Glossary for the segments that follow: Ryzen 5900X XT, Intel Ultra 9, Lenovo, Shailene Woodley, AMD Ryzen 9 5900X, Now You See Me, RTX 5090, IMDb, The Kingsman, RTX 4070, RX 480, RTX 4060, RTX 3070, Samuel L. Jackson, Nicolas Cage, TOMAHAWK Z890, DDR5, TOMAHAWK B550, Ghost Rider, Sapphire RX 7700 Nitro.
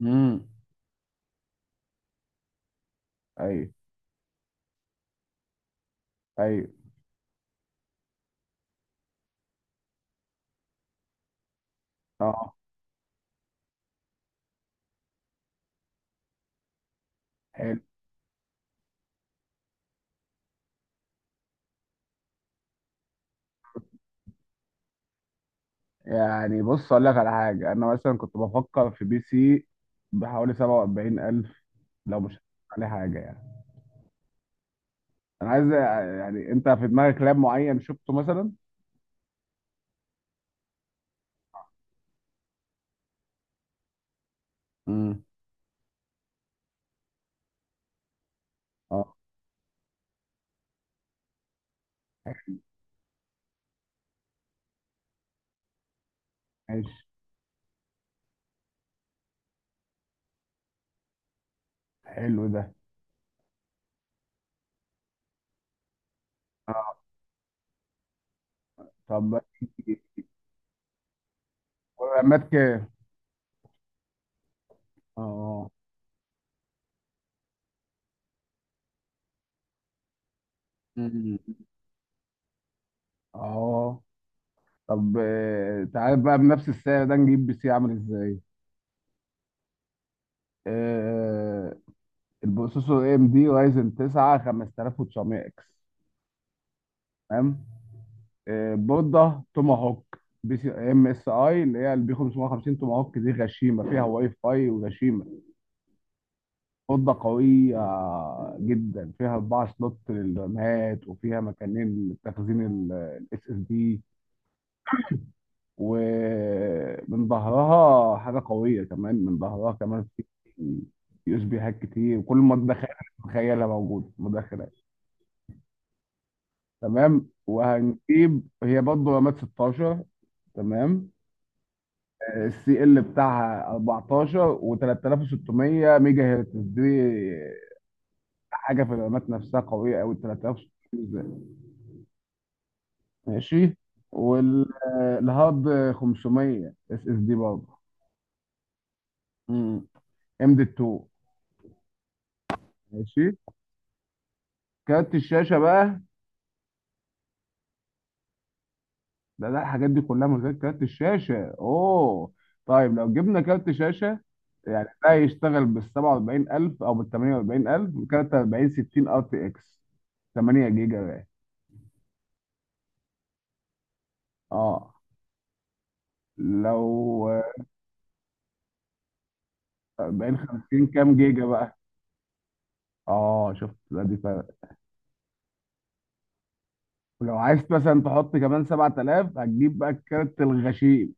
امم ايوه، ايوه، اه، حلو. يعني بص اقول لك على حاجه، انا مثلا كنت بفكر في بي سي بحوالي 47000، لو مش عليه حاجه يعني. انا عايز، يعني انت في دماغك لاب معين شفته مثلا؟ امم اه، ماشي. حلو ده. اه، طب والرامات كام؟ اه، مم. اه، طب، تعال بقى بنفس السعر ده نجيب بي سي عامل ازاي. آه، البروسيسور اي ام دي رايزن 9 5900 اكس. تمام. بوردة توما هوك بي سي ام اس اي اللي هي البي 550 توما هوك، دي غشيمه فيها واي فاي وغشيمه. بوردة قويه جدا، فيها اربعه سلوت للرامات وفيها مكانين لتخزين الاس اس دي. ومن ظهرها حاجه قويه، كمان من ظهرها كمان في يو اس بي هاك كتير وكل ما تتخيلها موجود مدخلات. تمام، وهنجيب هي برضه رامات 16. تمام. السي ال بتاعها 14 و3600 ميجا هرتز، دي حاجه في الرامات نفسها قويه قوي 3600 بالذات. ماشي. والهارد 500 اس اس دي برضه، ام دي 2. ماشي. كارت الشاشه بقى. لا، لا، الحاجات دي كلها من غير كارت الشاشة، اوه. طيب لو جبنا كارت شاشة، يعني ده يشتغل بال 47000 او بال 48000 كارت 4060 ار تي اكس 8 جيجا بقى. اه، لو 40 50 كام جيجا بقى؟ اه، شفت بقى دي فرق. ولو عايز مثلا تحط كمان 7000 هتجيب بقى الكارت الغشيم،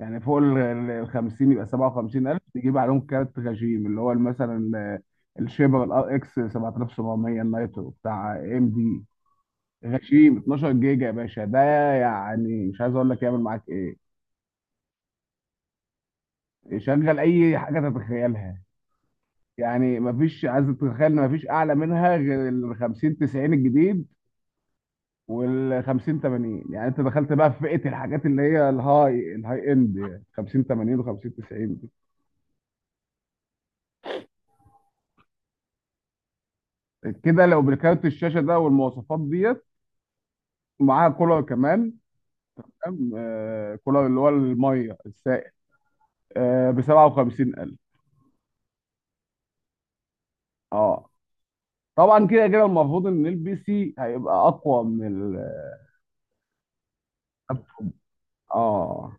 يعني فوق 50 يبقى 57000، تجيب عليهم كارت غشيم اللي هو مثلا، الشيبر الار اكس 7700 النايترو بتاع ام دي. غشيم 12 جيجا يا باشا ده. يعني مش عايز اقول لك يعمل معاك ايه. شغل اي حاجه تتخيلها. يعني مفيش، عايز تتخيل ان مفيش اعلى منها غير ال 50 90 الجديد وال 50 80، يعني انت دخلت بقى في فئه الحاجات اللي هي الهاي الهاي اند، يعني 50 80 و 50 90 دي. كده لو بالكارت الشاشه ده والمواصفات ديت، معاها كولر كمان. تمام، آه كولر اللي هو الميه السائل، آه ب 57000. اه. طبعا كده كده المفروض ان البي سي هيبقى اقوى من ال. اه.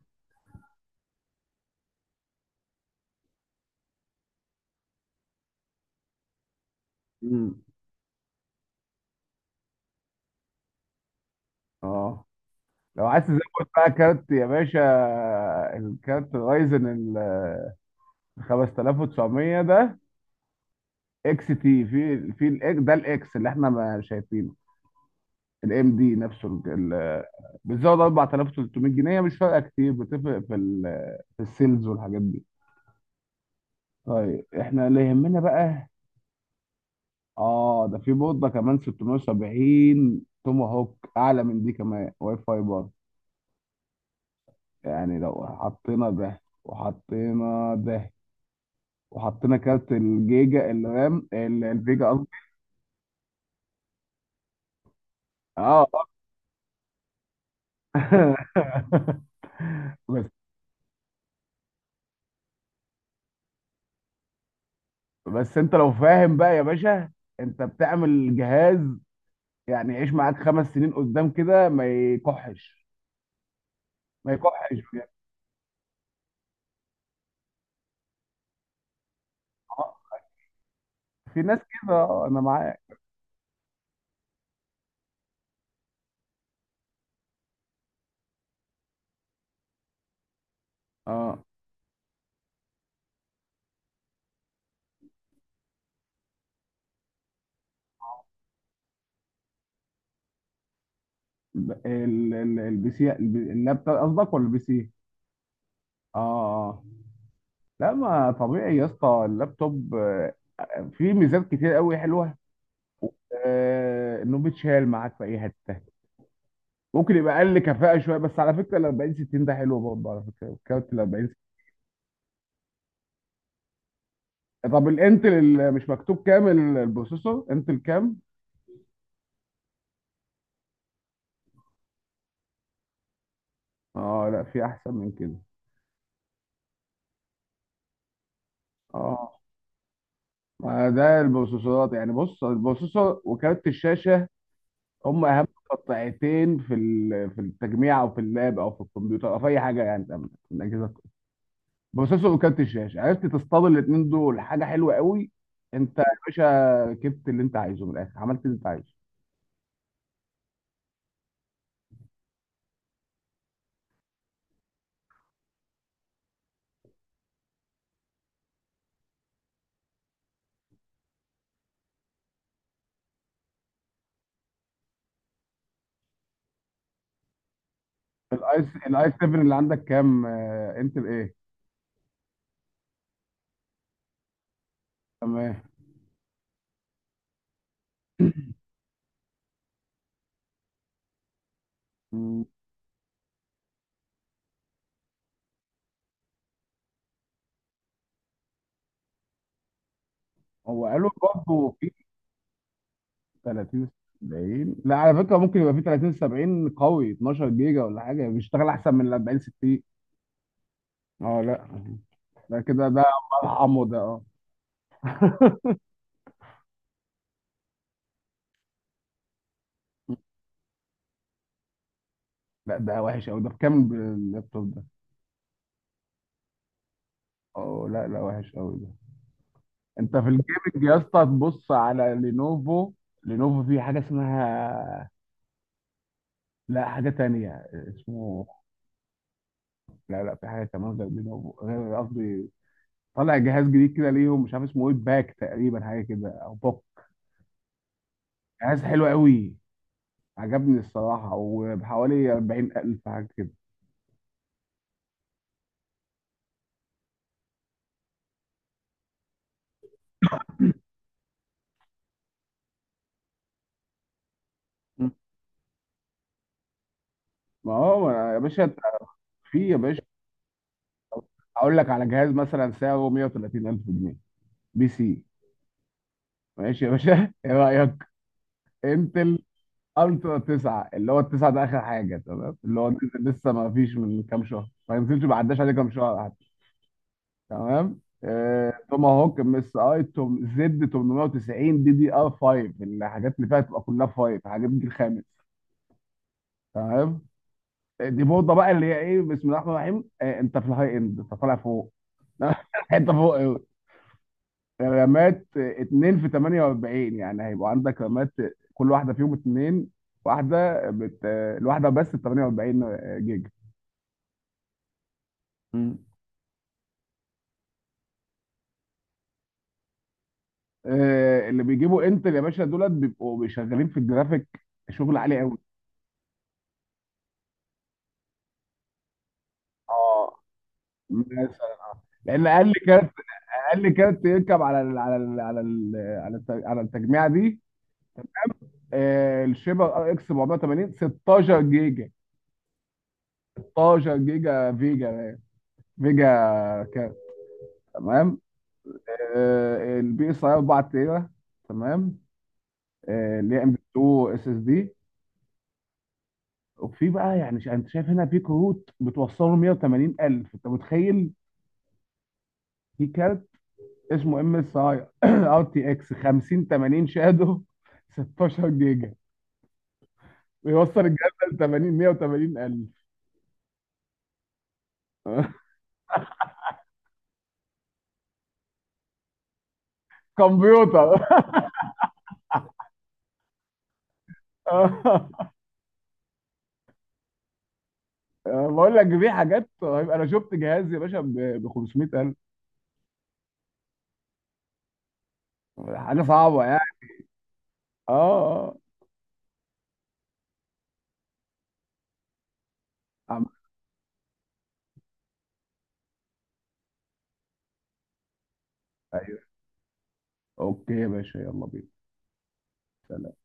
امم اه، لو عايز تزود بقى كارت يا باشا، الكارت رايزن ال 5900 ده اكس تي في في ده الاكس اللي احنا ما شايفينه الام دي نفسه بتزود 4300 جنيه، مش فارقه كتير، بتفرق في في السيلز والحاجات دي. طيب احنا اللي يهمنا بقى. اه، ده في بوضه كمان 670 توما هوك اعلى من دي، كمان واي فاي برضه. يعني لو حطينا ده وحطينا ده وحطينا كارت الجيجا الرام الفيجا قصدي. اه. بس، بس انت لو فاهم بقى يا باشا، انت بتعمل جهاز يعني يعيش معاك خمس سنين قدام، كده ما يكحش. ما يكحش بجد. آه، في ناس كده، انا معاك. اه ال- البي سي اللابتوب قصدك ولا البي سي؟ اه. اه. لا، ما طبيعي يا اسطى اللابتوب، فيه ميزات كتير قوي حلوه. آه انه بيتشال معاك في اي حته. ممكن يبقى اقل كفاءه شويه، بس على فكره ال 40 60 ده حلو برضه، على فكره كارت ال 40 60. طب الانتل اللي مش مكتوب كام البروسيسور انتل كام؟ اه، لا في احسن من كده. اه، ما ده البروسيسورات، يعني بص البروسيسور وكارت الشاشه هم اهم قطعتين في في التجميع او في اللاب او في الكمبيوتر او في اي حاجه، يعني تمام في الاجهزه. بروسيسور وكارت الشاشه، عرفت تصطاد الاثنين دول حاجه حلوه قوي. انت يا باشا ركبت اللي انت عايزه من الاخر، عملت اللي انت عايزه. الاي الاي 7 اللي عندك كام؟ انتل ايه؟ تمام. مم. هو قالوا برضه في 30 70. لا على فكره، ممكن يبقى في 30 70 قوي 12 جيجا ولا حاجه بيشتغل احسن من ال 40 60. اه لا، ده كده ده، مرحمه ده. اه. لا ده وحش قوي، ده بكام اللابتوب ده؟ اه لا، لا وحش قوي ده. انت في الجيمنج يا اسطى تبص على لينوفو. لينوفو في حاجه اسمها، لا حاجه تانية اسمه، لا لا في حاجه كمان غير لينوفو، غير قصدي. طالع جهاز جديد كده ليهم، مش عارف اسمه ايه، باك تقريبا حاجه كده او بوك. جهاز حلو قوي، عجبني الصراحه، وبحوالي 40000 حاجه كده. مم. ما هو يا باشا، في يا باشا، اقول لك على جهاز مثلا سعره 130000 جنيه، بي سي. ماشي يا باشا ايه رايك؟ انتل الترا 9 اللي هو التسعه ده اخر حاجه، تمام، اللي هو نزل لسه، ما فيش من كام شهر، ما نزلش، ما عداش عليه كام شهر حتى. تمام، توما هوك ام اس اي توم زد 890 دي دي ار 5، الحاجات اللي فيها تبقى كلها 5، حاجات الجيل الخامس. تمام. دي بوضه بقى اللي هي ايه، بسم الله الرحمن الرحيم، انت في الهاي اند، انت طالع فوق، حته فوق. رمات اتنين في 48، يعني هيبقى عندك رمات كل واحدة فيهم اتنين، واحدة الواحدة بس ب 48 جيجا. مم. اللي بيجيبوا انتل يا باشا دولت بيبقوا بيشغلين في الجرافيك، شغل عالي قوي. اه، مثلا، لان اقل كارت، اقل كارت يركب على على التجميعه دي، الشيبر ار اكس 480 16 جيجا. 16 جيجا فيجا. فيجا. كارت. تمام. البي اس اي 4 تيرا. تمام. اللي هي ام 2 اس اس دي. وفي بقى يعني انت شايف هنا في كروت بتوصله 180000، انت متخيل؟ في كارت اسمه ام اس اي ار تي اكس 50 80 شادو 16 جيجا، بيوصل الجهاز ل 80 180000. كمبيوتر. بقول لك دي حاجات رهيبة. انا شفت جهاز يا باشا ب 500000. حاجه صعبه يعني. اه. اه. عم- ايوه. اوكي يا باشا، يلا بينا. سلام.